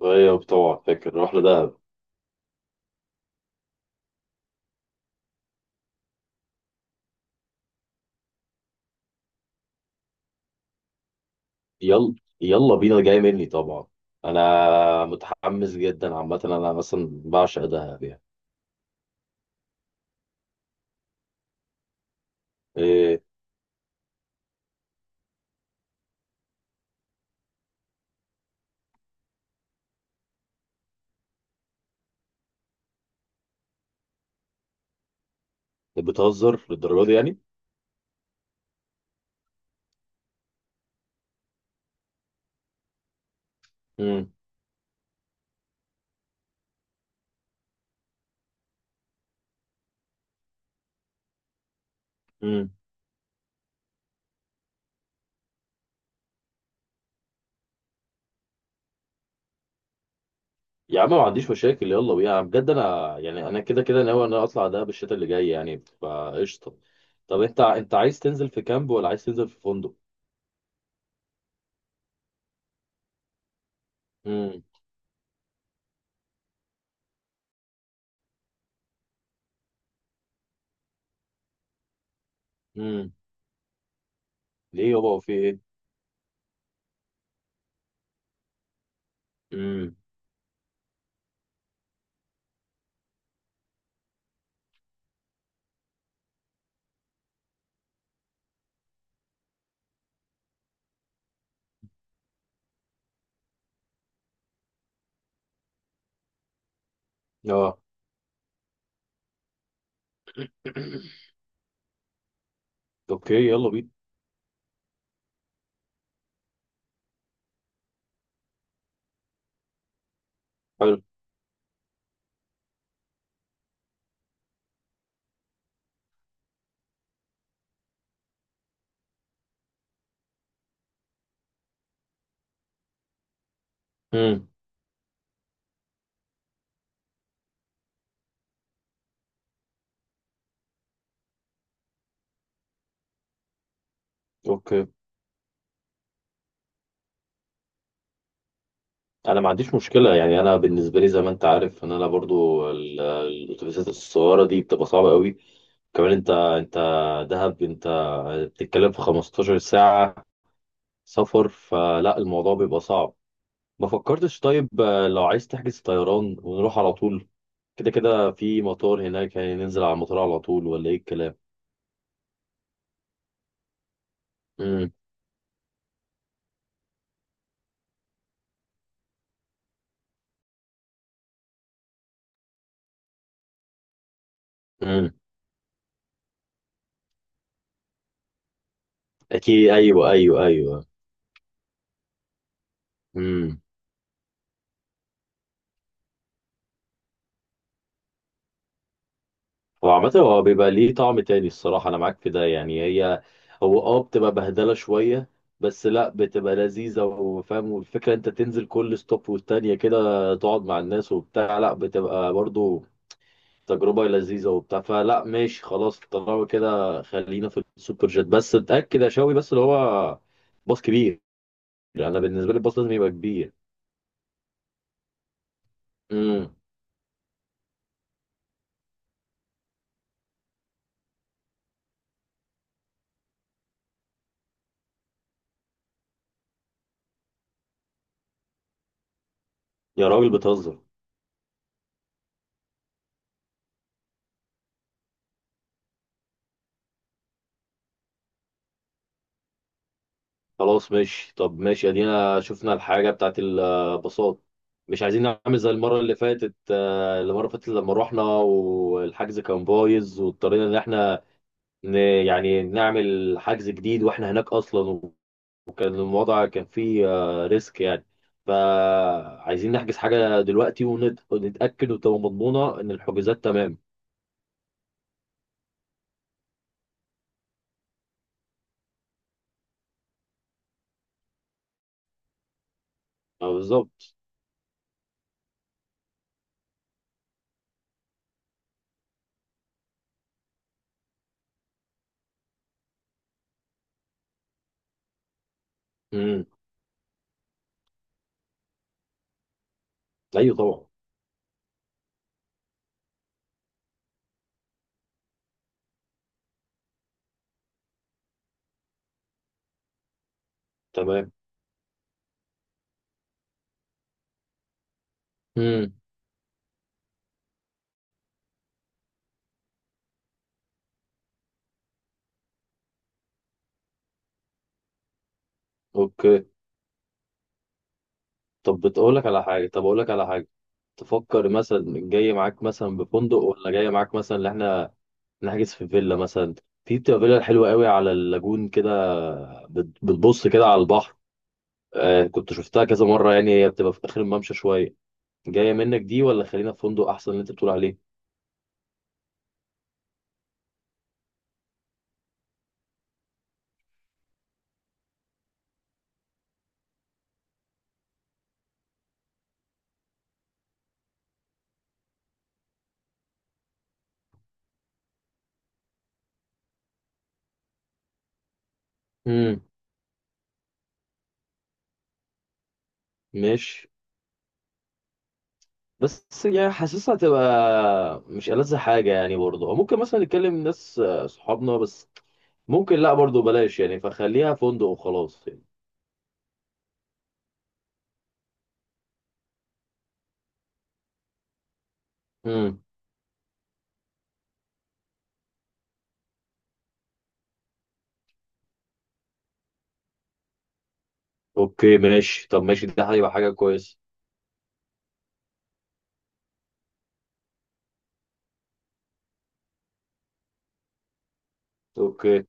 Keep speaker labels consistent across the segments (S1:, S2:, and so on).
S1: طيب طبعا فاكر نروح لدهب. يلا يلا بينا جاي مني طبعا. انا متحمس جدا عامه، انا مثلا بعشق دهب يعني. إيه، بتهزر للدرجه دي يعني؟ امم امم يا عم ما عنديش مشاكل، يلا بينا. أنا بجد انا يعني انا كده كده ناوي ان انا اطلع دهب الشتاء اللي جاي يعني، فقشطه. طب انت عايز تنزل في كامب ولا عايز تنزل في فندق؟ امم امم ليه يابا وفي ايه؟ امم اه. اوكي، يلا بينا. حلو. امم اوكي، انا ما عنديش مشكله يعني. انا بالنسبه لي زي ما انت عارف ان انا برضو الاتوبيسات الصغيره دي بتبقى صعبه قوي. كمان انت دهب انت بتتكلم في 15 ساعه سفر، فلا الموضوع بيبقى صعب. ما فكرتش طيب، لو عايز تحجز طيران ونروح على طول؟ كده كده في مطار هناك يعني، ننزل على المطار على طول ولا ايه الكلام؟ امم امم اكيد، ايوه ايوه ايوه. امم هو عامة هو بيبقى ليه طعم تاني، الصراحة أنا معاك في ده يعني. هي هو بتبقى بهدلة شوية، بس لا بتبقى لذيذة وفاهم، والفكرة أنت تنزل كل ستوب والتانية كده تقعد مع الناس وبتاع. لا بتبقى برضو تجربة لذيذة وبتاع، فلا ماشي خلاص، طالما كده خلينا في السوبر جيت، بس اتأكد يا شاوي بس اللي هو باص كبير. يعني أنا بالنسبة لي الباص لازم يبقى كبير. امم يا راجل بتهزر. خلاص ماشي، طب ماشي، ادينا شفنا الحاجه بتاعت الباصات. مش عايزين نعمل زي المره اللي فاتت، المره اللي فاتت لما رحنا والحجز كان بايظ واضطرينا ان احنا يعني نعمل حجز جديد واحنا هناك اصلا، وكان الوضع كان فيه ريسك يعني. فعايزين نحجز حاجه دلوقتي ونتاكد وتبقى مضمونه ان الحجوزات تمام. اه بالظبط. امم ايوه طبعا. تمام. امم اوكي. طب بتقول لك على حاجه، طب اقول لك على حاجه. تفكر مثلا جاي معاك مثلا بفندق، ولا جاي معاك مثلا اللي احنا نحجز في فيلا مثلا؟ في بتبقى فيلا حلوه قوي على اللاجون كده، بتبص كده على البحر، آه كنت شفتها كذا مره يعني، هي بتبقى في اخر الممشى شويه. جايه منك دي، ولا خلينا في فندق احسن اللي انت بتقول عليه؟ امم ماشي. بس يعني حاسسها تبقى مش ألذ حاجه يعني برضه. أو ممكن مثلا نتكلم ناس صحابنا بس. ممكن لا برضه بلاش يعني، فخليها فندق وخلاص يعني. مم. اوكي ماشي، طب ماشي، ده هيبقى حاجه كويسه. اوكي.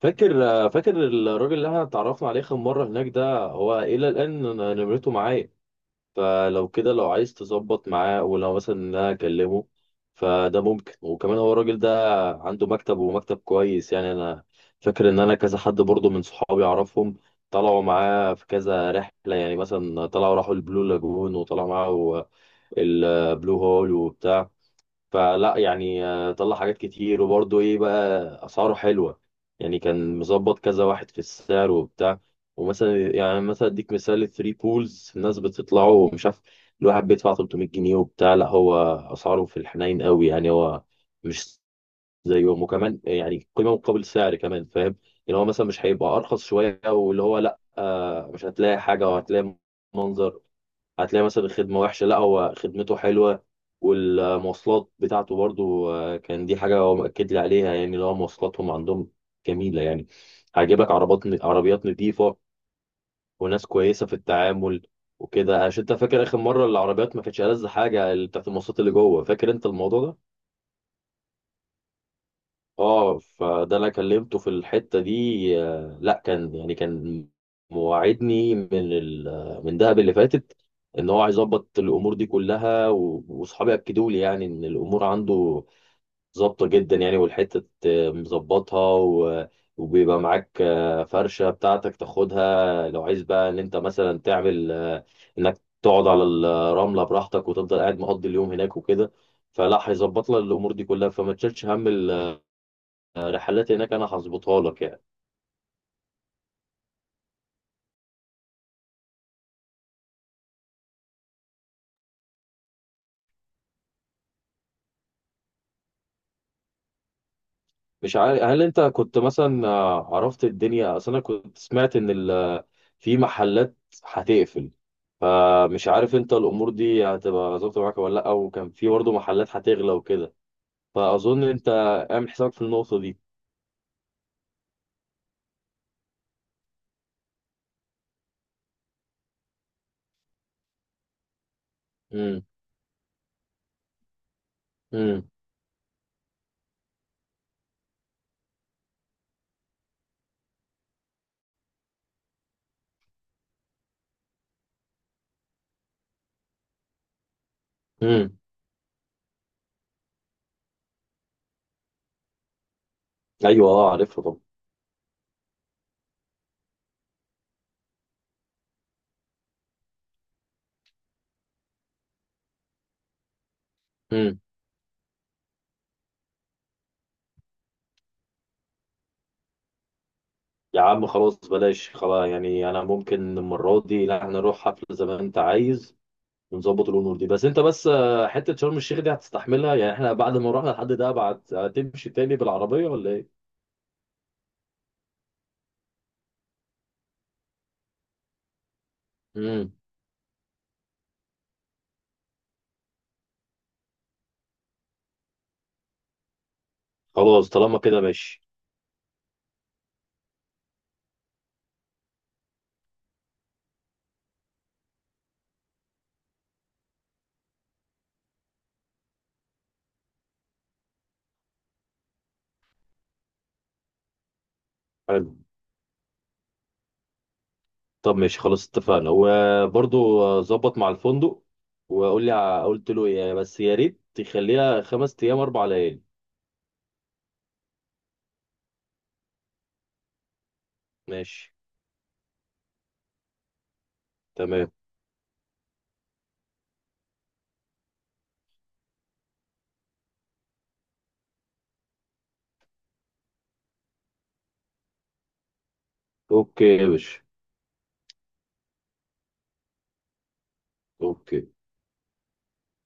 S1: فاكر فاكر الراجل اللي احنا اتعرفنا عليه اخر مره هناك ده؟ هو الى الان أنا نمرته معايا، فلو كده لو عايز تظبط معاه، ولو مثلا إن انا اكلمه فده ممكن. وكمان هو الراجل ده عنده مكتب، ومكتب كويس يعني. انا فاكر ان انا كذا حد برضه من صحابي اعرفهم طلعوا معاه في كذا رحله، يعني مثلا طلعوا راحوا البلو لاجون وطلعوا معاه البلو هول وبتاع، فلا يعني طلع حاجات كتير. وبرضه ايه بقى، اسعاره حلوه يعني، كان مظبط كذا واحد في السعر وبتاع. ومثلا يعني مثلا اديك مثال، 3 بولز الناس بتطلعوا مش عارف، الواحد بيدفع 300 جنيه وبتاع. لا هو اسعاره في الحنين قوي يعني، هو مش زيهم، وكمان يعني قيمه مقابل سعر كمان فاهم يعني. هو مثلا مش هيبقى ارخص شويه واللي هو لا، مش هتلاقي حاجه وهتلاقي منظر، هتلاقي مثلا الخدمة وحشة. لا هو خدمته حلوة، والمواصلات بتاعته برضو، كان دي حاجة هو مأكد لي عليها، يعني اللي هو مواصلاتهم عندهم جميلة يعني، هيجيبك عربيات نظيفة، وناس كويسة في التعامل وكده. عشان انت فاكر آخر مرة العربيات ما كانتش ألذ حاجة، اللي بتاعت المواصلات اللي جوه، فاكر انت الموضوع ده؟ اه فده انا كلمته في الحته دي، لا يعني كان مواعدني من من دهب اللي فاتت، ان هو هيظبط الامور دي كلها، واصحابي اكدوا لي يعني ان الامور عنده ظابطه جدا يعني. والحته مظبطها وبيبقى معاك فرشه بتاعتك تاخدها لو عايز بقى، ان انت مثلا تعمل انك تقعد على الرمله براحتك وتفضل قاعد مقضي اليوم هناك وكده. فلا هيظبط لك الامور دي كلها، فما تشيلش هم رحلات هناك، انا هظبطها لك يعني. مش عارف هل انت كنت مثلا عرفت الدنيا، اصل انا كنت سمعت ان ال... في محلات هتقفل، فمش عارف انت الامور دي هتبقى ظابطه معاك ولا لا. وكان في برضه محلات هتغلى وكده، فاظن انت اعمل حسابك في النقطه دي. امم امم امم ايوه اه عارفها طبعا. امم يا عم خلاص بلاش خلاص يعني، انا ممكن المره دي لا، هنروح حفله زي ما انت عايز، بنظبط الامور دي. بس انت بس حته شرم الشيخ دي هتستحملها يعني؟ احنا بعد ما رحنا لحد ده بعد هتمشي تاني بالعربيه ولا ايه؟ امم خلاص طالما كده ماشي. حلو. طب ماشي خلاص اتفقنا. وبرضو ظبط مع الفندق وقول لي، قلت له ايه؟ بس يا ريت تخليها خمس ايام اربع ليالي. ماشي. تمام. اوكي يا باشا. اوكي.